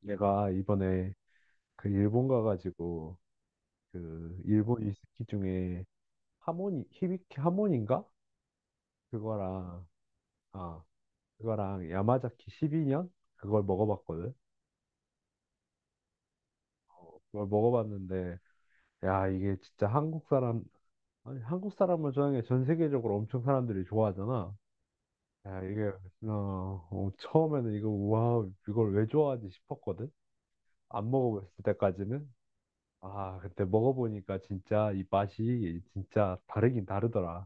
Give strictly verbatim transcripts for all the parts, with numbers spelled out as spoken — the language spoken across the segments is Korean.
내가 이번에 그 일본 가가지고 그 일본 위스키 중에 하모니 히비키 하모니인가 그거랑 아 그거랑 야마자키 십이 년 그걸 먹어봤거든. 그걸 먹어봤는데 야 이게 진짜 한국 사람 아니 한국 사람을 좋아하는 게 전 세계적으로 엄청 사람들이 좋아하잖아. 야 이게 어, 어, 처음에는 이거 와 이걸 왜 좋아하지 싶었거든. 안 먹어봤을 때까지는. 아, 그때 먹어보니까 진짜 이 맛이 진짜 다르긴 다르더라.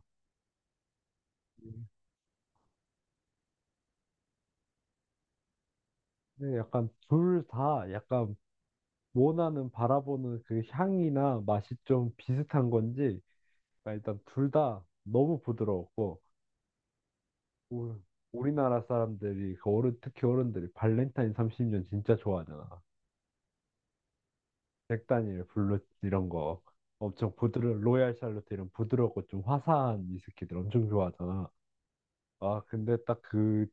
근데 약간 둘 다 약간 원하는 바라보는 그 향이나 맛이 좀 비슷한 건지 그러니까 일단 둘 다 너무 부드러웠고 우- 우리나라 사람들이 그 어른 특히 어른들이 발렌타인 삼십 년 진짜 좋아하잖아. 백단일 블루 이런 거 엄청 부드러 로얄 샬롯 이런 부드럽고 좀 화사한 위스키들 엄청 좋아하잖아. 아, 근데 딱 그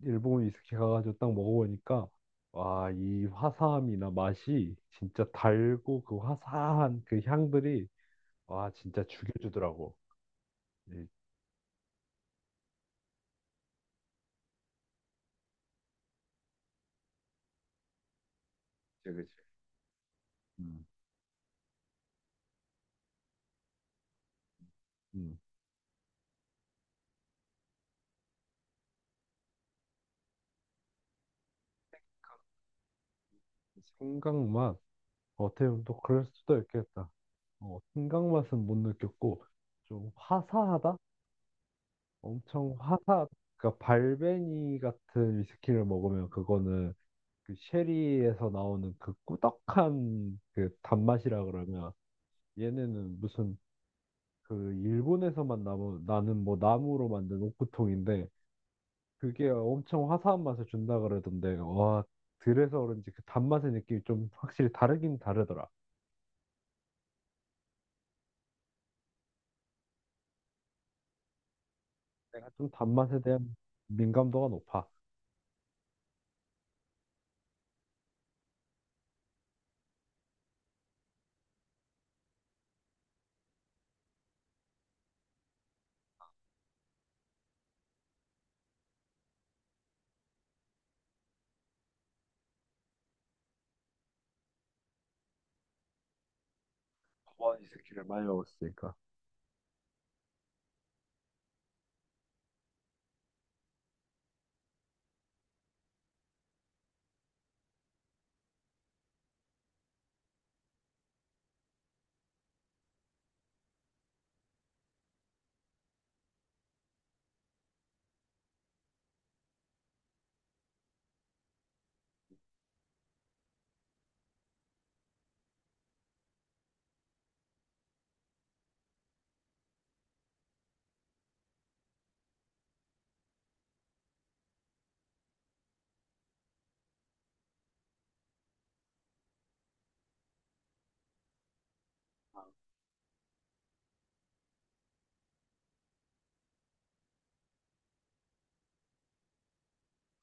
일본 위스키 가가지고 딱 먹어보니까 와, 이 화사함이나 맛이 진짜 달고 그 화사한 그 향들이 와, 진짜 죽여주더라고. 이, 그치, 그치. 음, 음. 생강 맛. 어떻게 보면 또 그럴 수도 있겠다. 어, 생강 맛은 못 느꼈고 좀 화사하다? 엄청 화사. 그러니까 발베니 같은 위스키를 먹으면 그거는 그 쉐리에서 나오는 그 꾸덕한 그 단맛이라 그러면 얘네는 무슨 그 일본에서만 나무 나는 뭐 나무로 만든 옷구통인데 그게 엄청 화사한 맛을 준다 그러던데 와 그래서 그런지 그 단맛의 느낌이 좀 확실히 다르긴 다르더라. 내가 좀 단맛에 대한 민감도가 높아. 어이 새끼를 많이 먹었으니까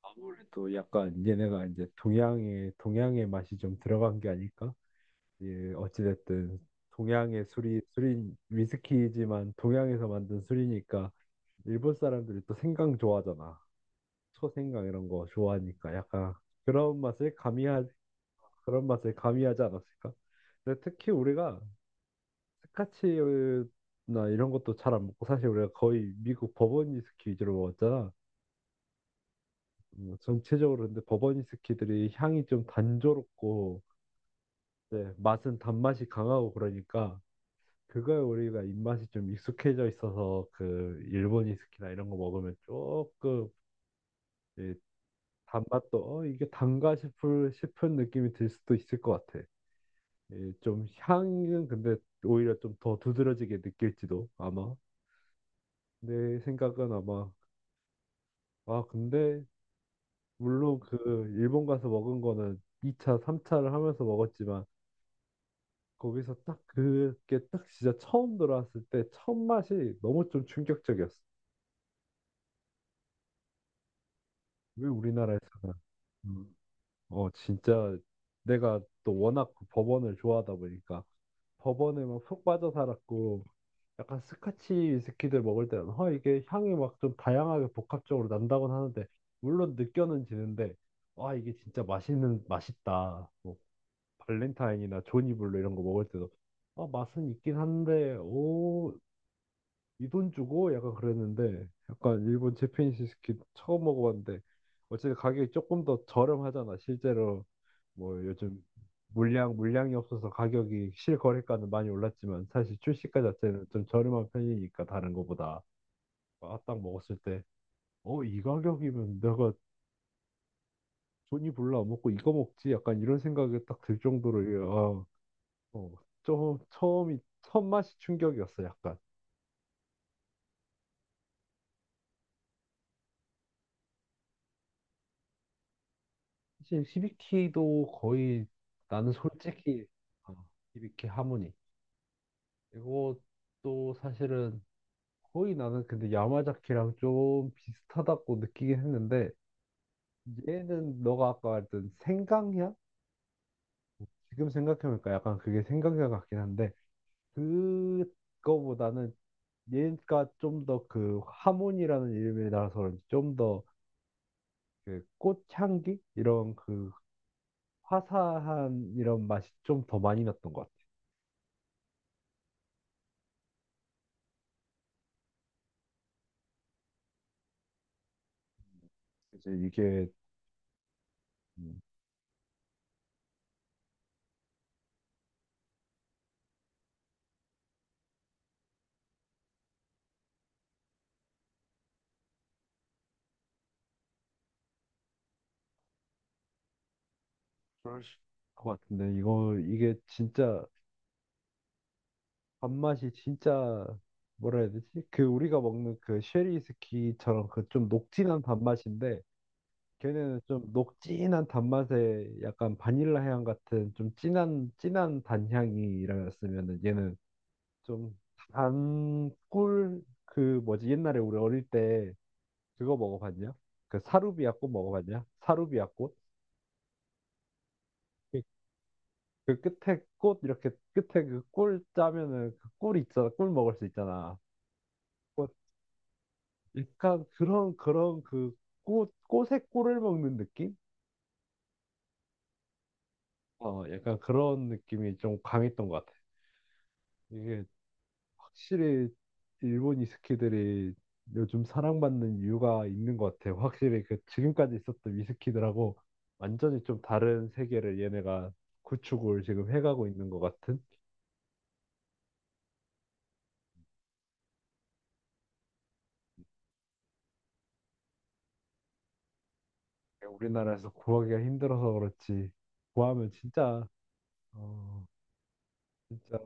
아무래도 약간 얘네가 이제 동양의 동양의 맛이 좀 들어간 게 아닐까? 예, 어찌됐든 동양의 술이 술인 위스키지만 동양에서 만든 술이니까 일본 사람들이 또 생강 좋아하잖아. 초생강 이런 거 좋아하니까 약간 그런 맛을 가미하 그런 맛을 가미하지 않았을까? 근데 특히 우리가 스카치나 이런 것도 잘 안 먹고 사실 우리가 거의 미국 버번 위스키 위주로 먹었잖아. 음, 전체적으로 근데 버번 위스키들이 향이 좀 단조롭고 네, 맛은 단맛이 강하고 그러니까 그거에 우리가 입맛이 좀 익숙해져 있어서 그 일본이스키나 이런 거 먹으면 조금 이 단맛도 어, 이게 단가 싶을 싶은 느낌이 들 수도 있을 것 같아. 이좀 향은 근데 오히려 좀 더 두드러지게 느낄지도 아마. 내 생각은 아마. 아 근데 물론 그 일본 가서 먹은 거는 이 차, 삼 차를 하면서 먹었지만 거기서 딱 그게 딱 진짜 처음 들어왔을 때 첫 맛이 너무 좀 충격적이었어. 왜 우리나라에서는 음. 어, 진짜 내가 또 워낙 그 버번을 좋아하다 보니까 버번에 막 푹 빠져 살았고 약간 스카치 위스키들 먹을 때는 어, 이게 향이 막 좀 다양하게 복합적으로 난다곤 하는데 물론 느껴는 지는데 와 이게 진짜 맛있는 맛있다. 뭐 발렌타인이나 조니블루 이런 거 먹을 때도 아 맛은 있긴 한데 오 이 돈 주고 약간 그랬는데 약간 일본 제페니스 스키 처음 먹어봤는데 어쨌든 가격이 조금 더 저렴하잖아. 실제로 뭐 요즘 물량 물량이 없어서 가격이 실거래가는 많이 올랐지만 사실 출시가 자체는 좀 저렴한 편이니까 다른 거보다 아, 딱 먹었을 때 어 이 가격이면 내가 돈이 별로 안 먹고 이거 먹지 약간 이런 생각이 딱 들 정도로 이게, 아, 어, 좀 처음이 첫 맛이 충격이었어 약간. 사실 시비키도 거의. 나는 솔직히 어, 히비키 하모니 이것도 사실은 거의 나는 근데 야마자키랑 좀 비슷하다고 느끼긴 했는데 얘는 너가 아까 말했던 생강향? 지금 생각해보니까 약간 그게 생강향 같긴 한데 그거보다는 얘가 좀 더 그 하모니라는 이름이라서 좀더 그 꽃향기 이런 그 화사한 이런 맛이 좀 더 많이 났던 것 같아. 이제 이게. 음, 그러실 것 같은데 이거 이게 진짜 밥맛이 진짜 뭐라 해야 되지? 그 우리가 먹는 그 쉐리 스키처럼 그 좀 녹진한 밥맛인데 걔네는 좀 녹진한 단맛에 약간 바닐라 향 같은 좀 진한 진한 단향이라면은 얘는 좀 단 꿀 그 뭐지 옛날에 우리 어릴 때 그거 먹어봤냐? 그 사루비아 꽃 먹어봤냐? 사루비아 꽃? 그 그 끝에 꽃 이렇게 끝에 그 꿀 짜면은 그 꿀이 있잖아. 꿀 먹을 수 있잖아. 꽃 약간 그런 그런 그 꽃, 꽃의 꿀을 먹는 느낌? 어, 약간 그런 느낌이 좀 강했던 것 같아. 이게 확실히 일본 위스키들이 요즘 사랑받는 이유가 있는 것 같아. 확실히 그 지금까지 있었던 위스키들하고 완전히 좀 다른 세계를 얘네가 구축을 지금 해가고 있는 것 같은. 우리나라에서 구하기가 힘들어서 그렇지. 구하면 진짜 어, 진짜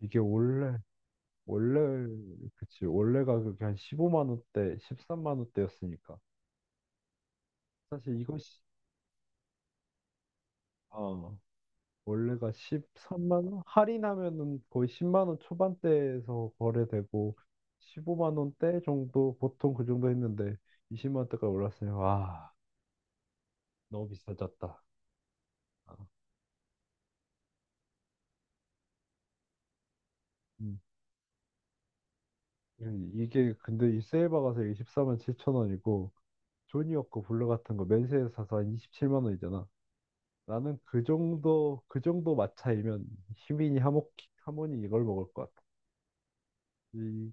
이게 원래 원래 그치, 원래 가격이 한 십오만 원대, 십삼만 원대였으니까 사실 이것이 어, 원래가 십삼만 원 할인하면은 거의 십만 원 초반대에서 거래되고 십오만 원대 정도 보통 그 정도 했는데 이십만 원대까지 올랐어요. 와, 너무 비싸졌다. 아, 음. 음, 이게 근데 이 세일바 가서 십4만 7천 원이고 조니워거 블루 같은 거 맨세에서 사서 한 이십칠만 원이잖아. 나는 그 정도, 그 정도 마차이면 희민이 하모, 하모니 이걸 먹을 것 같아. 이,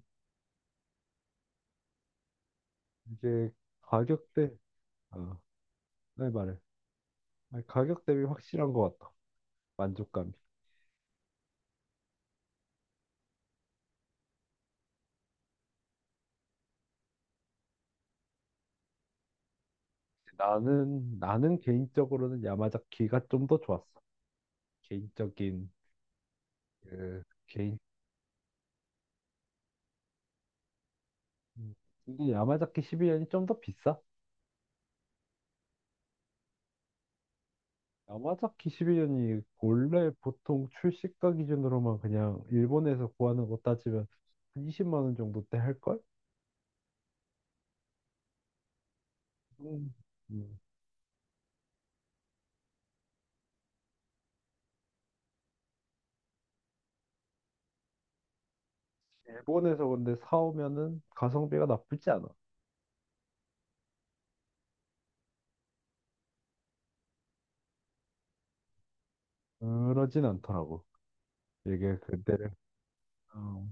이게 가격대, 어, 네, 말해. 아니, 가격 대비 확실한 것 같아. 만족감이. 나는, 나는 개인적으로는 야마자키가 좀 더 좋았어. 개인적인, 그, 개인. 음. 근데 야마자키 십이 년이 좀 더 비싸? 야마자키 십이 년이 원래 보통 출시가 기준으로만 그냥 일본에서 구하는 거 따지면 한 이십만 원 정도 때 할걸? 음. 음. 일본에서 근데 사오면은 가성비가 나쁘지 않아. 그러진 않더라고. 이게 그때 어,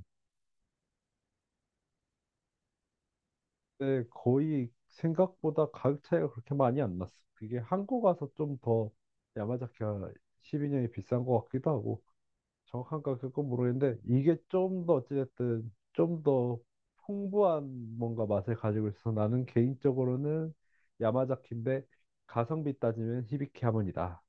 근데 거의 생각보다 가격 차이가 그렇게 많이 안 났어. 그게 한국 와서 좀 더 야마자키가 십이 년이 비싼 것 같기도 하고 정확한 가격은 모르겠는데 이게 좀 더 어찌됐든 좀 더 풍부한 뭔가 맛을 가지고 있어서 나는 개인적으로는 야마자키인데 가성비 따지면 히비키 하모니다.